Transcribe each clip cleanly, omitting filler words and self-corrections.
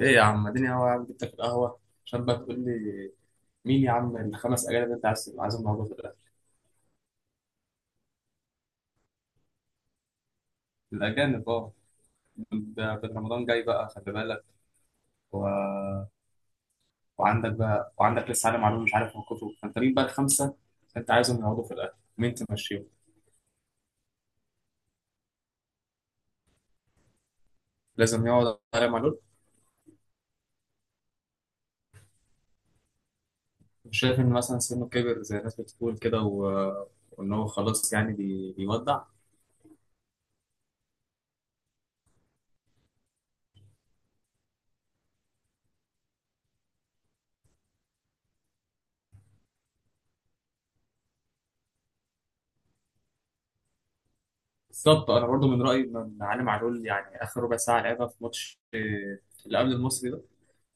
ايه يا عم، اديني قهوة يا عم. جبتك القهوة عشان بقى تقول لي مين يا عم الخمس اجانب اللي انت عايزهم موجود في الاخر. الاجانب اه. ده رمضان جاي بقى، خلي بالك. و... وعندك لسه عالم معلوم مش عارف موقفه، فانت مين بقى الخمسة انت عايزهم يقعدوا في الاخر؟ مين تمشيهم؟ لازم يقعد عالم معلول. مش شايف ان مثلا سنه كبر زي الناس بتقول كده، وان هو خلاص يعني بيودع؟ بالظبط، انا برضو من رايي ان عالم معلول يعني اخر ربع ساعه لعبها في ماتش اللي قبل المصري ده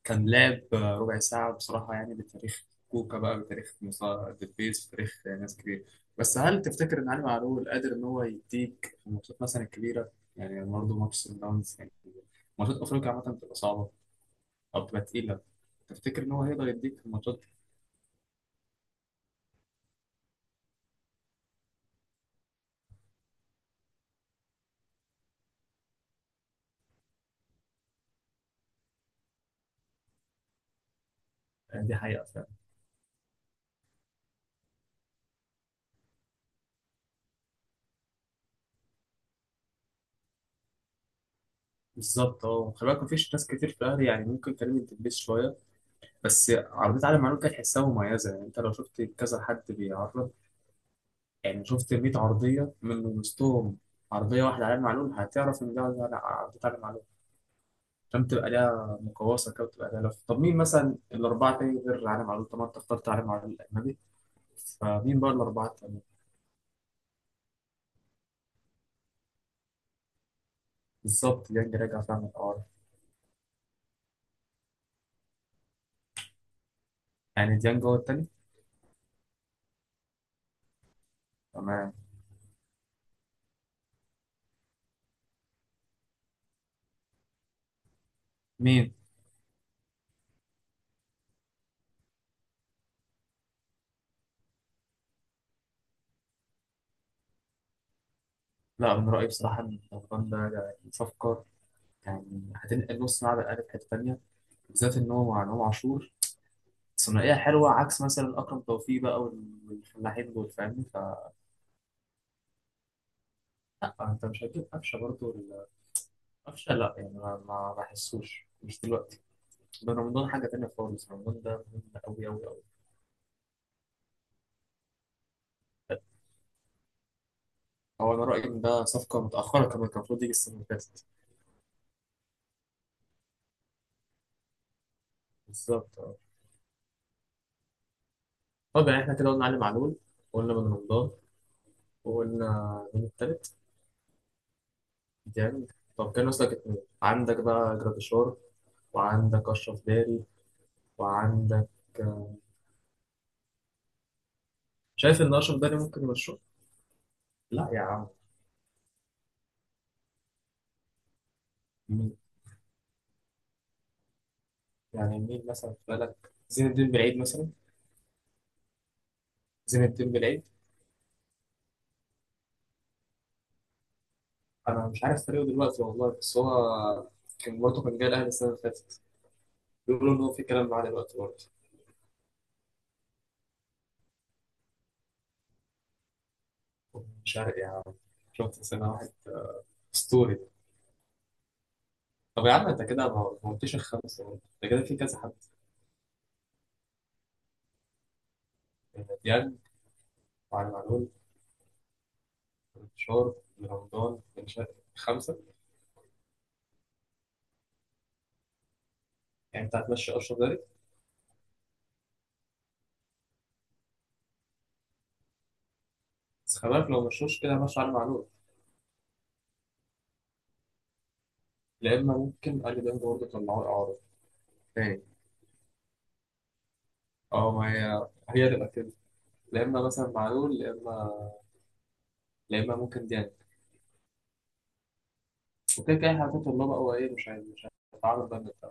كان لاب. ربع ساعة بصراحة يعني، بتاريخ كوكا بقى، بتاريخ دبيز، بتاريخ ناس كتير. بس هل تفتكر إن علي معلول قادر إن هو يديك في الماتشات مثلا الكبيرة؟ يعني برضه ماتش سان داونز يعني، ماتشات أفريقيا عامة بتبقى صعبة أو بتبقى تقيلة. تفتكر إن هو هيقدر يديك في الماتشات؟ آه، دي حقيقة فعلا. بالظبط خلي بالك، مفيش ناس كتير في الأهلي يعني، ممكن كريم الدبيس شوية، بس عرضية علي معلول كانت تحسها مميزة. يعني أنت لو شفت كذا حد بيعرض، يعني شفت 100 عرضية من وسطهم، عرضية واحدة عليها معلوم هتعرف إن ده ولا لأ، عرضية عليها معلوم. عشان تبقى ليها مقوسة كده وتبقى ليها لف. طب مين مثلا الأربعة تاني غير عليها معلوم؟ طب ما أنت اخترت عليها معلوم الأجنبي، فمين بقى الأربعة التانيين؟ بالظبط، ديانج راجع فعلا من الأول. يعني ديانج هو التاني. تمام. مين؟ لا، من رأيي بصراحة إن الأفغان ده يعني صفقة، يعني هتنقل نص ملعب الأهلي في حتة تانية، بالذات إن هو مع إمام عاشور. ثنائية حلوة عكس مثلا أكرم توفيق بقى والفلاحين دول، فاهمني؟ لا انت مش هتجيب قفشه برضه قفشه، لا يعني، ما بحسوش، مش دلوقتي. ده رمضان حاجه تانيه خالص. رمضان ده مهم قوي قوي قوي. هو انا رايي ان ده صفقه متاخره، كمان كان المفروض يجي السنه اللي فاتت. بالظبط اه. طب يعني احنا كده قلنا علي معلول، وقلنا بن رمضان، وقلنا مين التالت؟ ديانج. طب كان ناقص لك اتنين، عندك بقى جراديشار، وعندك اشرف داري، وعندك آه، شايف ان اشرف داري ممكن يمشوه؟ لا يا عم. مين؟ يعني مين مثلا في بالك؟ زين الدين بالعيد مثلا. زين الدين بالعيد. انا مش عارف طريقه دلوقتي والله، بس هو كان برضه كان جاي الاهلي السنه اللي فاتت. بيقولوا ان هو في كلام معاه دلوقتي برضه. مش عارف يا عم. شفت سنه واحد اسطوري. طب يا عم انت كده ما قلتش الخمسه، برضه انت كده في كذا حد. يعني ديان، وعلي معلول، وانتشار رمضان بن شرقي، خمسه. يعني انت هتمشي اشرف داري؟ بس خلي بالك، لو مشوش كده ماشي علي معلول. لا اما ممكن علي ديان برضه طلعوه اعاره تاني. اه، ما هي هي تبقى كده. لا اما مثلا معلول، لا اما ممكن ديان. وكده كده احنا طلاب او ايه؟ مش هتعرض بقى للدفع.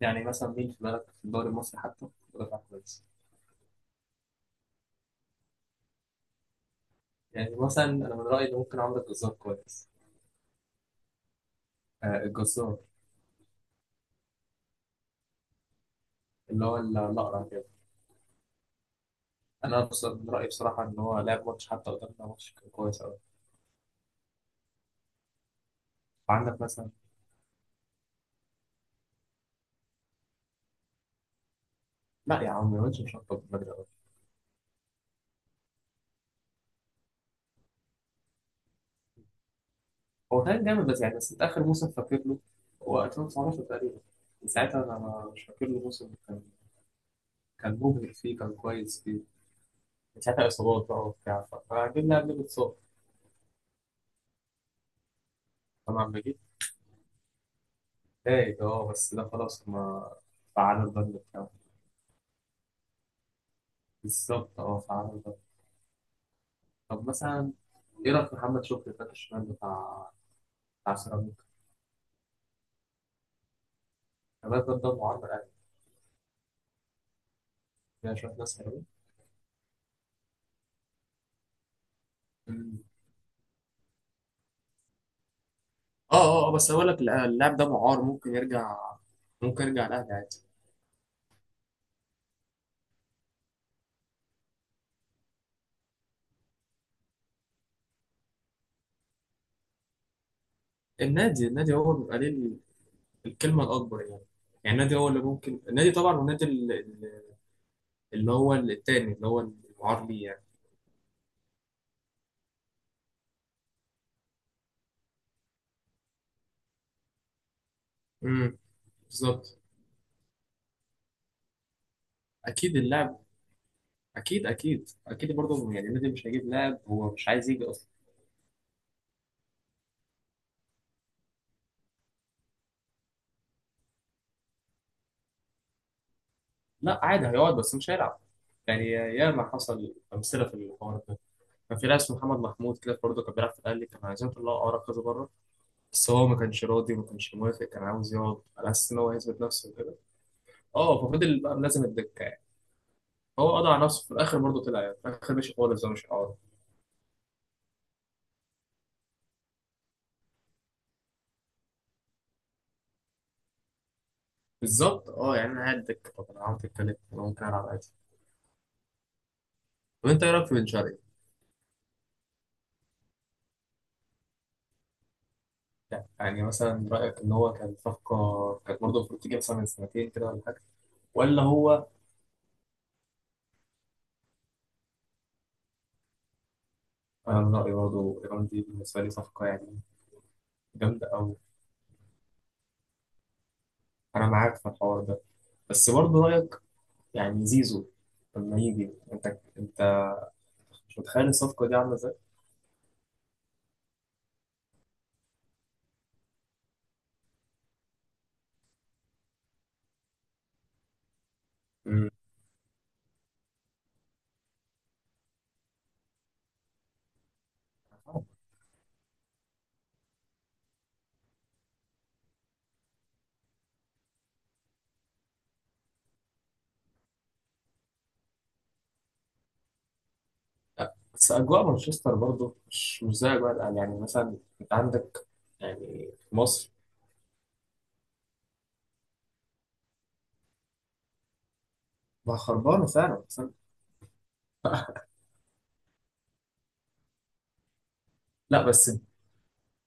يعني مثلا مين في بالك في الدوري المصري حتى دفع كويس؟ يعني مثلا انا من رايي ان ممكن عمرو الجزار كويس. آه، الجزار. اللي هو الاقرع كده. انا من رايي بصراحه ان هو لعب ماتش حتى قدامنا، ماتش كان كويس قوي. وعندك مثلا. لا يا عم، الواد مش هطلب بدري قوي. هو كان جامد، بس انت اخر موسم فاكر له؟ هو 2019 تقريبا. من ساعتها انا مش فاكر له موسم كان مبهر فيه، كان كويس فيه. من ساعتها اصابات بقى وبتاع. فجبنا قبل الاتصال. طبعا تايت، بس ده خلاص، هما فعلوا البند بتاعه. بالظبط اه، فعلوا البند. طب مثلا، ايه رايك في محمد شكري الباك الشمال بتاع سيراميكا؟ الواد ده دمه عرض يعني. فيها شويه ناس حلوين. مم. اه اه، بس اقول لك، لا، اللاعب ده معار ممكن يرجع. ممكن يرجع الاهلي عادي. النادي هو بيبقى ليه الكلمه الاكبر يعني. يعني النادي هو اللي ممكن، النادي طبعا، والنادي اللي هو التاني، اللي هو المعار ليه يعني. امم. بالظبط. اكيد اللاعب، اكيد اكيد اكيد برضه يعني النادي مش هيجيب لاعب هو مش عايز يجي اصلا. لا عادي، هيقعد بس مش هيلعب. يعني ياما حصل امثله في الحوار ده. كان في لاعب اسمه محمد محمود كده برضه كان بيلعب في الاهلي، كان عايزين يطلعوا اقرا كذا بره، بس هو ما كانش راضي وما كانش موافق، كان عاوز يقعد على اساس ان هو يثبت نفسه وكده. اه، ففضل بقى ملازم الدكه يعني. هو قضى على نفسه في الاخر، برضه طلع يعني في الاخر، ماشي خالص هو مش هيقعد. بالظبط اه، يعني انا قاعد دكه، طب انا قعدت اتكلم، انا ممكن العب عادي. طب انت ايه رايك في بن شرقي؟ لا يعني مثلا رأيك إن هو كان صفقة كانت برضه المفروض تيجي مثلا من سنتين كده ولا حاجة، ولا هو؟ أنا من رأيي برضه إيران دي بالنسبة لي صفقة يعني جامدة أوي. أنا معاك في الحوار ده، بس برضه رأيك يعني زيزو لما يجي، أنت مش متخيل الصفقة دي عاملة إزاي؟ مم. لا، بس أجواء مانشستر برضه مش زي أجواء الأهلي. يعني مثلا أنت عندك يعني في مصر. ما خربانة فعلا بس لا، بس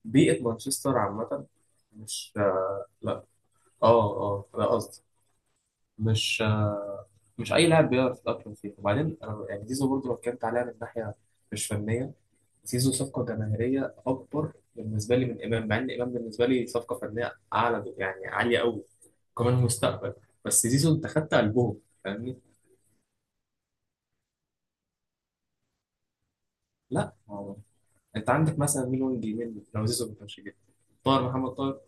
بيئة مانشستر عامة مش. لا، اه اه، ده قصدي. مش مش اي لاعب بيعرف يتاقلم فيه. وبعدين أنا يعني زيزو برضه لو اتكلمت عليها من ناحيه مش فنيه، زيزو صفقه جماهيريه اكبر بالنسبه لي من امام، مع ان امام بالنسبه لي صفقه فنيه اعلى يعني عاليه قوي، كمان مستقبل. بس زيزو انت خدت قلبهم، فاهمني؟ لا، هو انت عندك مثلا مين وينج يمين لو زيزو ما كانش جه؟ طاهر محمد طاهر؟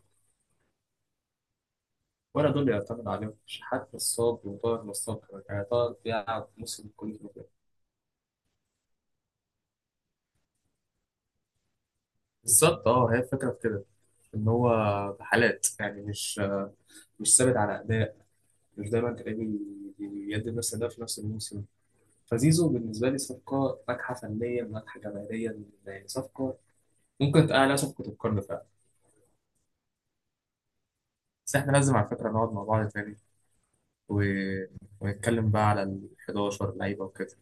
ولا دول يعتمد عليهم؟ شحات نصاب وطاهر نصاب كمان. يعني طاهر بيلعب موسم كله كده. بالظبط اه، هي الفكره في كده ان هو حالات يعني، مش ثابت على اداء. مش دايما تلاقيه بيدي نفس الاداء في نفس الموسم. فزيزو بالنسبه لي صفقه ناجحه فنيا ناجحه جماهيريا، يعني صفقه ممكن تقال عليها صفقه القرن فعلا. بس احنا لازم على فكره نقعد مع بعض تاني و... ونتكلم بقى على ال 11 لعيبه وكده.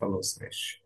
خلاص ماشي.